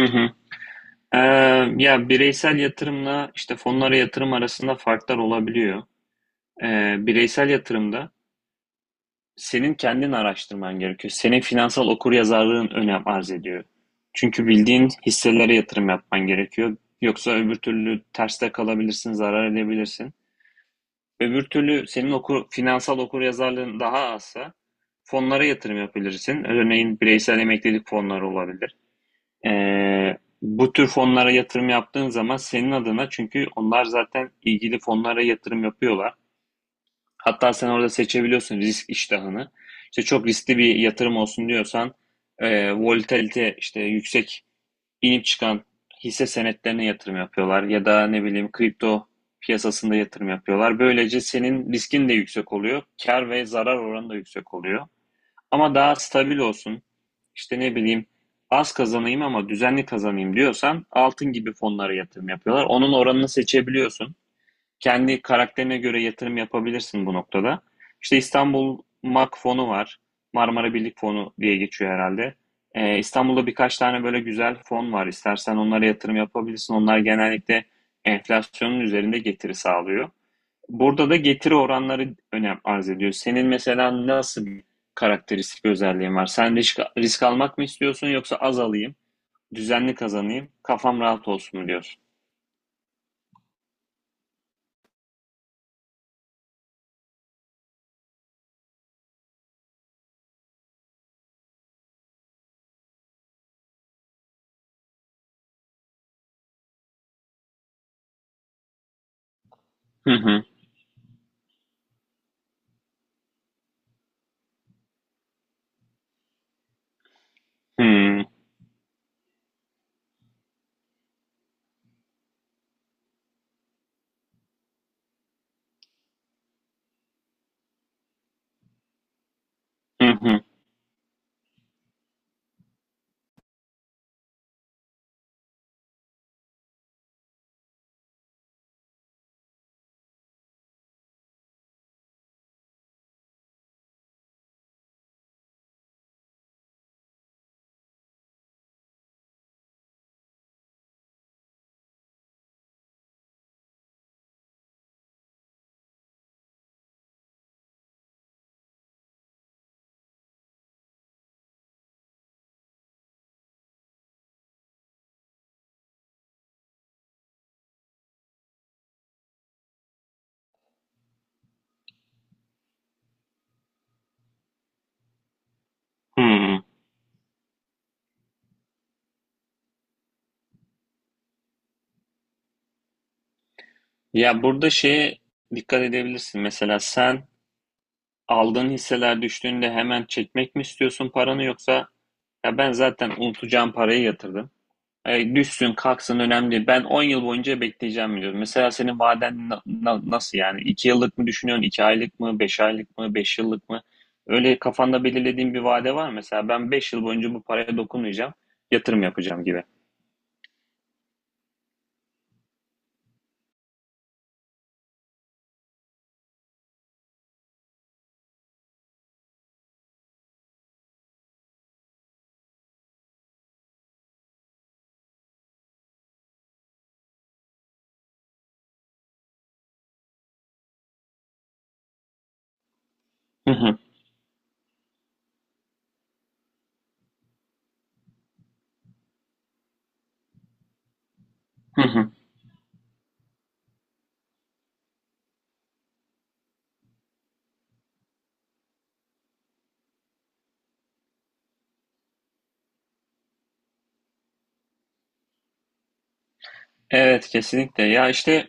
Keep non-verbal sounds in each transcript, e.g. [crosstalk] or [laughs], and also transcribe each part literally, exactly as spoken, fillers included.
Hı hı. Ee, Ya bireysel yatırımla işte fonlara yatırım arasında farklar olabiliyor. Ee, bireysel yatırımda senin kendin araştırman gerekiyor. Senin finansal okuryazarlığın önem arz ediyor. Çünkü bildiğin hisselere yatırım yapman gerekiyor. Yoksa öbür türlü terste kalabilirsin, zarar edebilirsin. Öbür türlü senin okur, finansal okuryazarlığın daha azsa fonlara yatırım yapabilirsin. Örneğin bireysel emeklilik fonları olabilir. Ee, bu tür fonlara yatırım yaptığın zaman senin adına çünkü onlar zaten ilgili fonlara yatırım yapıyorlar. Hatta sen orada seçebiliyorsun risk iştahını. İşte çok riskli bir yatırım olsun diyorsan e, volatilite işte yüksek inip çıkan hisse senetlerine yatırım yapıyorlar ya da ne bileyim kripto piyasasında yatırım yapıyorlar. Böylece senin riskin de yüksek oluyor. Kar ve zarar oranı da yüksek oluyor. Ama daha stabil olsun, işte ne bileyim az kazanayım ama düzenli kazanayım diyorsan altın gibi fonlara yatırım yapıyorlar. Onun oranını seçebiliyorsun. Kendi karakterine göre yatırım yapabilirsin bu noktada. İşte İstanbul M A K fonu var. Marmara Birlik fonu diye geçiyor herhalde. Ee, İstanbul'da birkaç tane böyle güzel fon var. İstersen onlara yatırım yapabilirsin. Onlar genellikle enflasyonun üzerinde getiri sağlıyor. Burada da getiri oranları önem arz ediyor. Senin mesela nasıl bir karakteristik özelliğin var? Sen risk, risk almak mı istiyorsun yoksa az alayım, düzenli kazanayım, kafam rahat olsun mu diyorsun? Hı hı. Hı hı hı. Hı. Ya burada şeye dikkat edebilirsin. Mesela sen aldığın hisseler düştüğünde hemen çekmek mi istiyorsun paranı yoksa ya ben zaten unutacağım parayı yatırdım. E, düşsün kalksın önemli değil. Ben on yıl boyunca bekleyeceğim diyor. Mesela senin vaden na- na- nasıl yani? iki yıllık mı düşünüyorsun? iki aylık mı? Beş aylık mı? Beş yıllık mı? Öyle kafanda belirlediğin bir vade var mı? Mesela ben beş yıl boyunca bu paraya dokunmayacağım. Yatırım yapacağım gibi. Hı hı, hı hı. Evet kesinlikle. Ya işte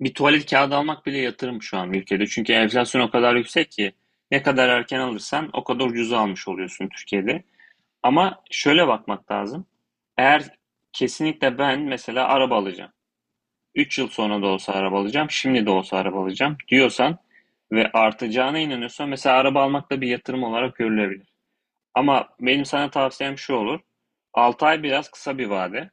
bir tuvalet kağıdı almak bile yatırım şu an ülkede. Çünkü enflasyon o kadar yüksek ki ne kadar erken alırsan o kadar ucuza almış oluyorsun Türkiye'de. Ama şöyle bakmak lazım. Eğer kesinlikle ben mesela araba alacağım. Üç yıl sonra da olsa araba alacağım, şimdi de olsa araba alacağım diyorsan ve artacağına inanıyorsan mesela araba almak da bir yatırım olarak görülebilir. Ama benim sana tavsiyem şu olur. altı ay biraz kısa bir vade.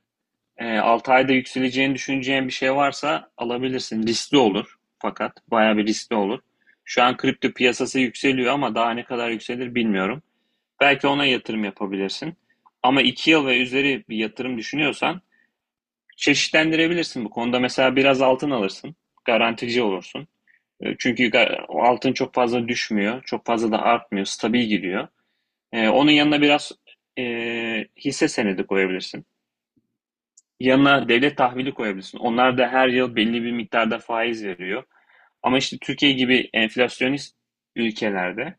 E, altı ayda yükseleceğini düşüneceğin bir şey varsa alabilirsin. Riskli olur fakat bayağı bir riskli olur. Şu an kripto piyasası yükseliyor ama daha ne kadar yükselir bilmiyorum. Belki ona yatırım yapabilirsin. Ama iki yıl ve üzeri bir yatırım düşünüyorsan çeşitlendirebilirsin bu konuda. Mesela biraz altın alırsın. Garantici olursun. E, Çünkü altın çok fazla düşmüyor. Çok fazla da artmıyor. Stabil gidiyor. E, Onun yanına biraz e, hisse senedi koyabilirsin. Yanına devlet tahvili koyabilirsin. Onlar da her yıl belli bir miktarda faiz veriyor. Ama işte Türkiye gibi enflasyonist ülkelerde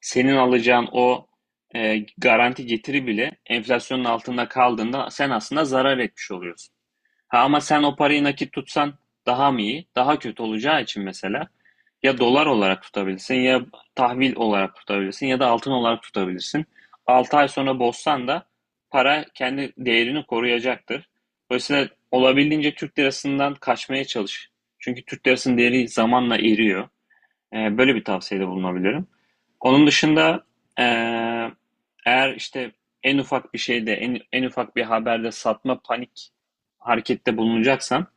senin alacağın o e, garanti getiri bile enflasyonun altında kaldığında sen aslında zarar etmiş oluyorsun. Ha ama sen o parayı nakit tutsan daha mı iyi? Daha kötü olacağı için mesela ya dolar olarak tutabilirsin ya tahvil olarak tutabilirsin ya da altın olarak tutabilirsin. Altı ay sonra bozsan da para kendi değerini koruyacaktır. Dolayısıyla olabildiğince Türk lirasından kaçmaya çalış. Çünkü Türk lirasının değeri zamanla eriyor. E, Böyle bir tavsiyede bulunabilirim. Onun dışında eee, eğer işte en ufak bir şeyde, en, en ufak bir haberde satma panik harekette bulunacaksan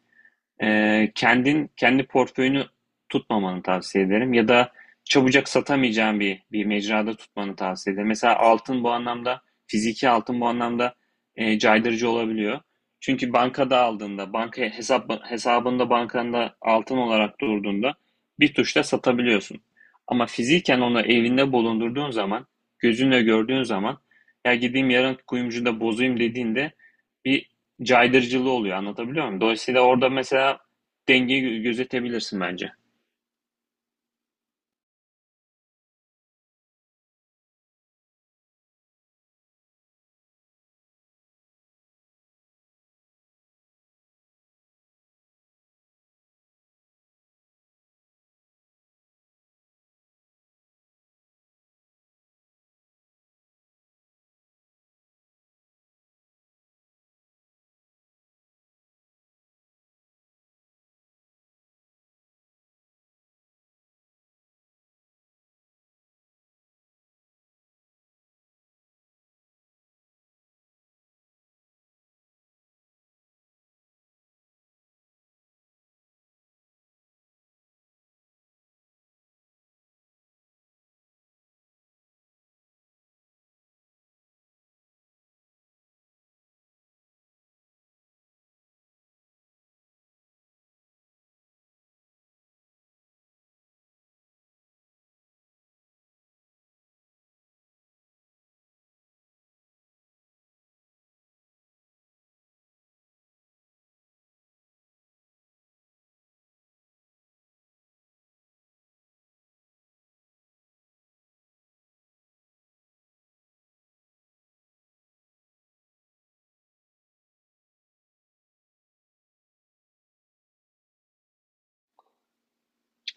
ee, kendin kendi portföyünü tutmamanı tavsiye ederim ya da çabucak satamayacağın bir bir mecrada tutmanı tavsiye ederim. Mesela altın bu anlamda fiziki altın bu anlamda e, caydırıcı olabiliyor. Çünkü bankada aldığında, banka hesap hesabında bankanda altın olarak durduğunda bir tuşla satabiliyorsun. Ama fiziken onu evinde bulundurduğun zaman, gözünle gördüğün zaman ya gideyim yarın kuyumcuda bozayım dediğinde bir caydırıcılığı oluyor, anlatabiliyor muyum? Dolayısıyla orada mesela dengeyi gözetebilirsin bence.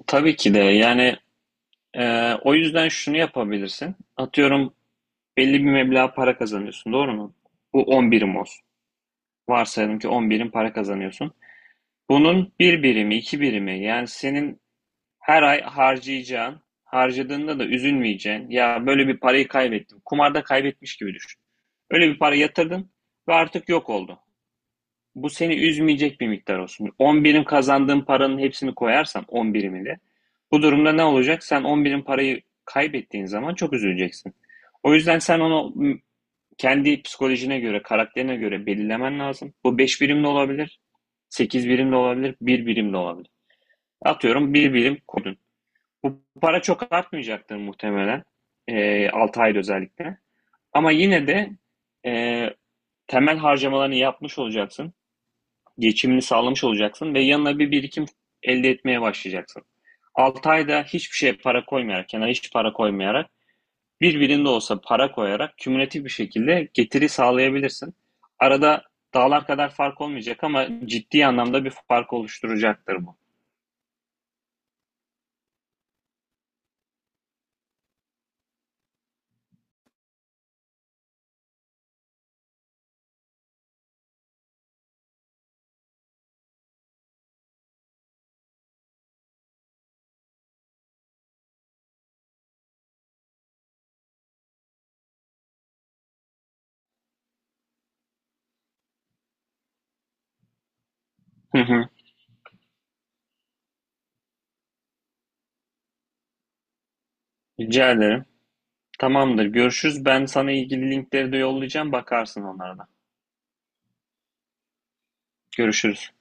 Tabii ki de yani e, o yüzden şunu yapabilirsin. Atıyorum belli bir meblağ para kazanıyorsun, doğru mu? Bu on birim olsun. Varsayalım ki on birim para kazanıyorsun. Bunun bir birimi, iki birimi yani senin her ay harcayacağın, harcadığında da üzülmeyeceğin, ya böyle bir parayı kaybettim. Kumarda kaybetmiş gibi düşün. Öyle bir para yatırdın ve artık yok oldu. Bu seni üzmeyecek bir miktar olsun. On birim kazandığın paranın hepsini koyarsan on birimini, bu durumda ne olacak? Sen on birim parayı kaybettiğin zaman çok üzüleceksin. O yüzden sen onu kendi psikolojine göre, karakterine göre belirlemen lazım. Bu beş birim de olabilir, sekiz birim de olabilir, bir birim de olabilir. Atıyorum bir birim koydun. Bu para çok artmayacaktır muhtemelen. E, altı ayda özellikle. Ama yine de e, temel harcamalarını yapmış olacaksın, geçimini sağlamış olacaksın ve yanına bir birikim elde etmeye başlayacaksın. altı ayda hiçbir şeye para koymayarak, kenara hiç para koymayarak, birbirinde olsa para koyarak kümülatif bir şekilde getiri sağlayabilirsin. Arada dağlar kadar fark olmayacak ama ciddi anlamda bir fark oluşturacaktır bu. [laughs] Hı hı. Rica ederim. Tamamdır. Görüşürüz. Ben sana ilgili linkleri de yollayacağım. Bakarsın onlara da. Görüşürüz.